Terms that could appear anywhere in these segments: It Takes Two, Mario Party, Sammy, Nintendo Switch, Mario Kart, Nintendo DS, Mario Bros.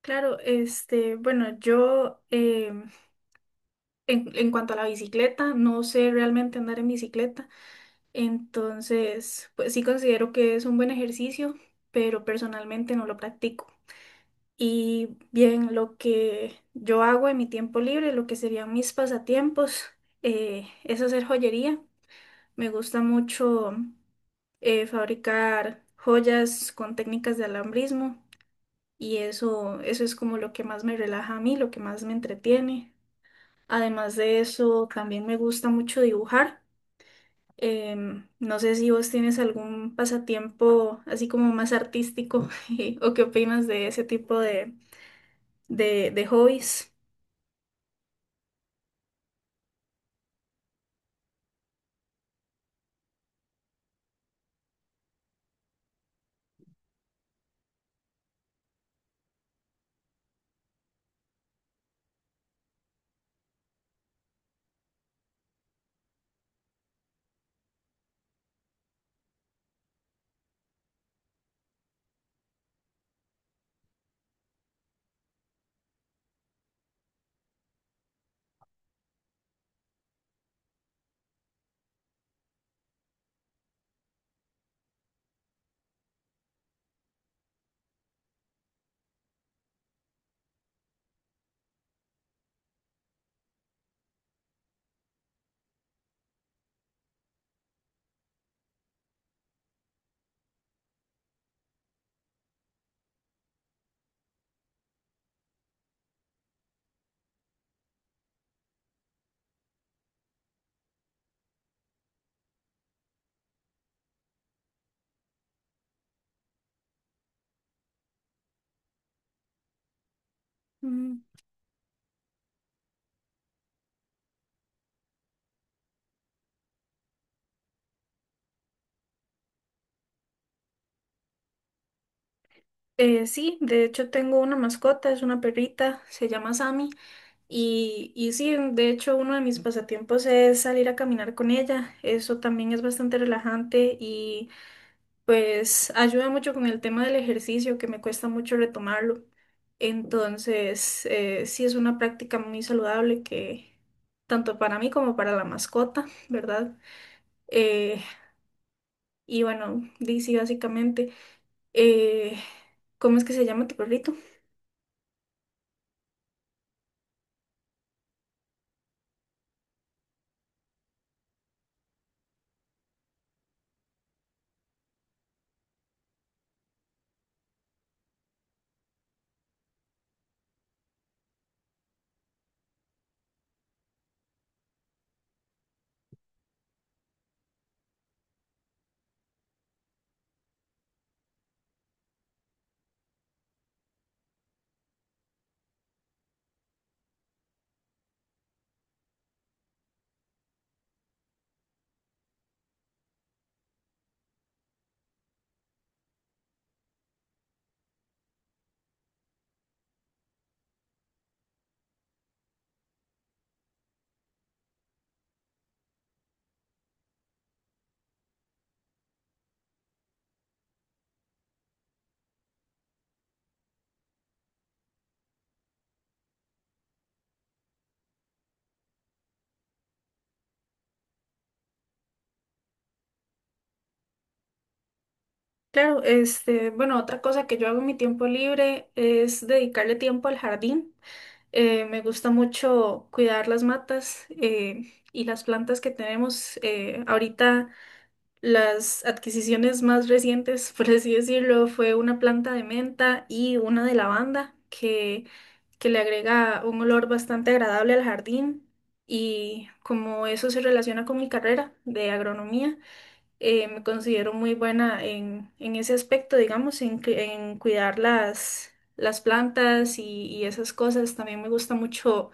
Claro, este, bueno, yo en cuanto a la bicicleta, no sé realmente andar en bicicleta. Entonces, pues sí considero que es un buen ejercicio, pero personalmente no lo practico. Y bien, lo que yo hago en mi tiempo libre, lo que serían mis pasatiempos, es hacer joyería. Me gusta mucho fabricar joyas con técnicas de alambrismo y eso es como lo que más me relaja a mí, lo que más me entretiene. Además de eso, también me gusta mucho dibujar. No sé si vos tienes algún pasatiempo así como más artístico o qué opinas de ese tipo de hobbies. Mm, sí, de hecho tengo una mascota, es una perrita, se llama Sammy y sí, de hecho uno de mis pasatiempos es salir a caminar con ella. Eso también es bastante relajante y... Pues ayuda mucho con el tema del ejercicio, que me cuesta mucho retomarlo. Entonces, sí es una práctica muy saludable, que tanto para mí como para la mascota, ¿verdad? Eh, y bueno, di, sí, básicamente, eh, ¿cómo es que se llama tu perrito? Claro, este, bueno, otra cosa que yo hago en mi tiempo libre es dedicarle tiempo al jardín. Me gusta mucho cuidar las matas, y las plantas que tenemos. Ahorita las adquisiciones más recientes, por así decirlo, fue una planta de menta y una de lavanda que le agrega un olor bastante agradable al jardín. Y como eso se relaciona con mi carrera de agronomía, me considero muy buena en ese aspecto, digamos, en, en cuidar las plantas y esas cosas. También me gusta mucho,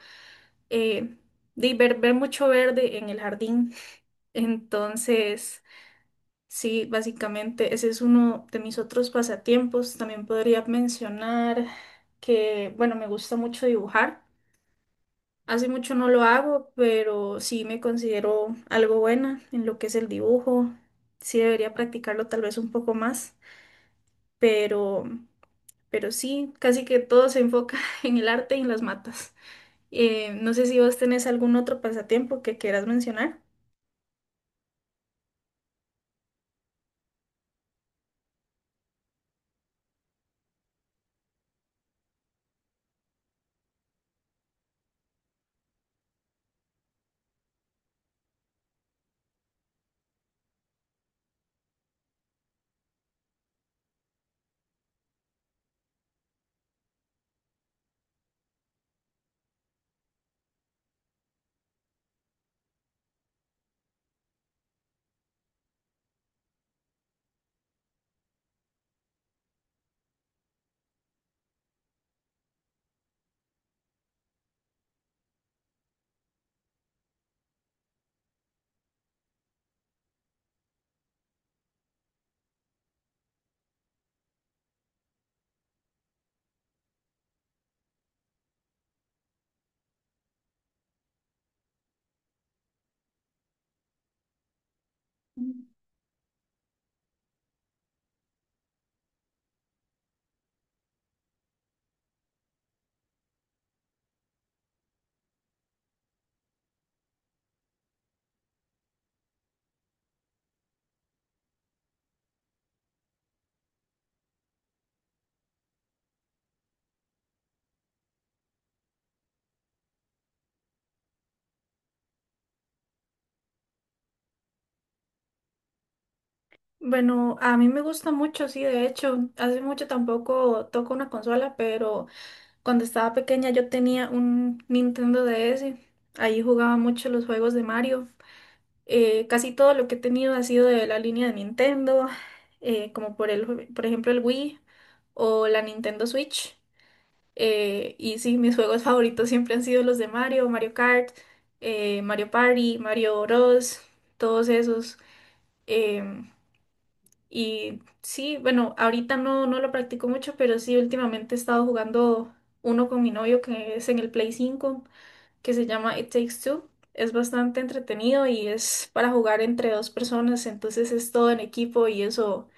eh, de ver, ver mucho verde en el jardín. Entonces... Sí, básicamente ese es uno de mis otros pasatiempos. También podría mencionar que, bueno, me gusta mucho dibujar. Hace mucho no lo hago, pero sí me considero algo buena en lo que es el dibujo. Sí debería practicarlo tal vez un poco más, pero, pero sí, casi que todo se enfoca en el arte y en las matas. No sé si vos tenés algún otro pasatiempo que quieras mencionar. Bueno, a mí me gusta mucho. Sí, de hecho, hace mucho tampoco toco una consola, pero cuando estaba pequeña yo tenía un Nintendo DS, ahí jugaba mucho los juegos de Mario. Casi todo lo que he tenido ha sido de la línea de Nintendo, como por el, por ejemplo el Wii o la Nintendo Switch. Y sí, mis juegos favoritos siempre han sido los de Mario, Mario Kart, Mario Party, Mario Bros, todos esos. em, y sí, bueno, ahorita no lo practico mucho, pero sí, últimamente he estado jugando uno con mi novio que es en el Play 5, que se llama It Takes Two. Es bastante entretenido y es para jugar entre dos personas, entonces es todo en equipo, y eso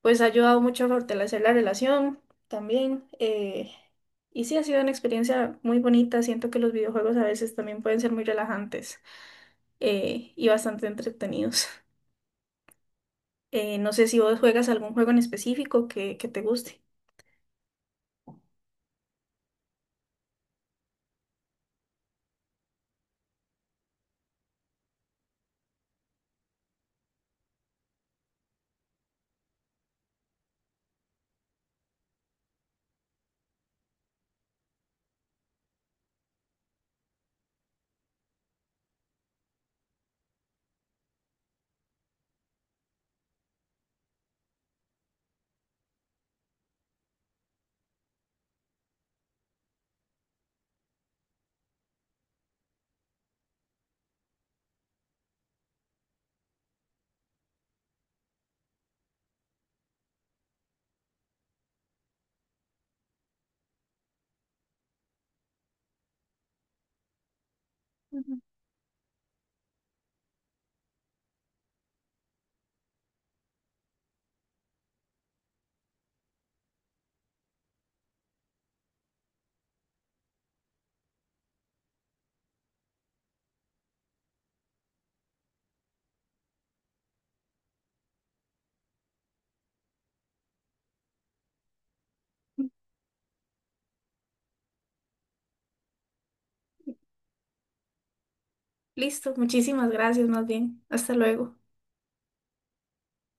pues ha ayudado mucho a fortalecer la relación también. Eh, y sí, ha sido una experiencia muy bonita. Siento que los videojuegos a veces también pueden ser muy relajantes, y bastante entretenidos. No sé si vos juegas algún juego en específico que te guste. Ujú. Listo, muchísimas gracias más bien. Hasta luego.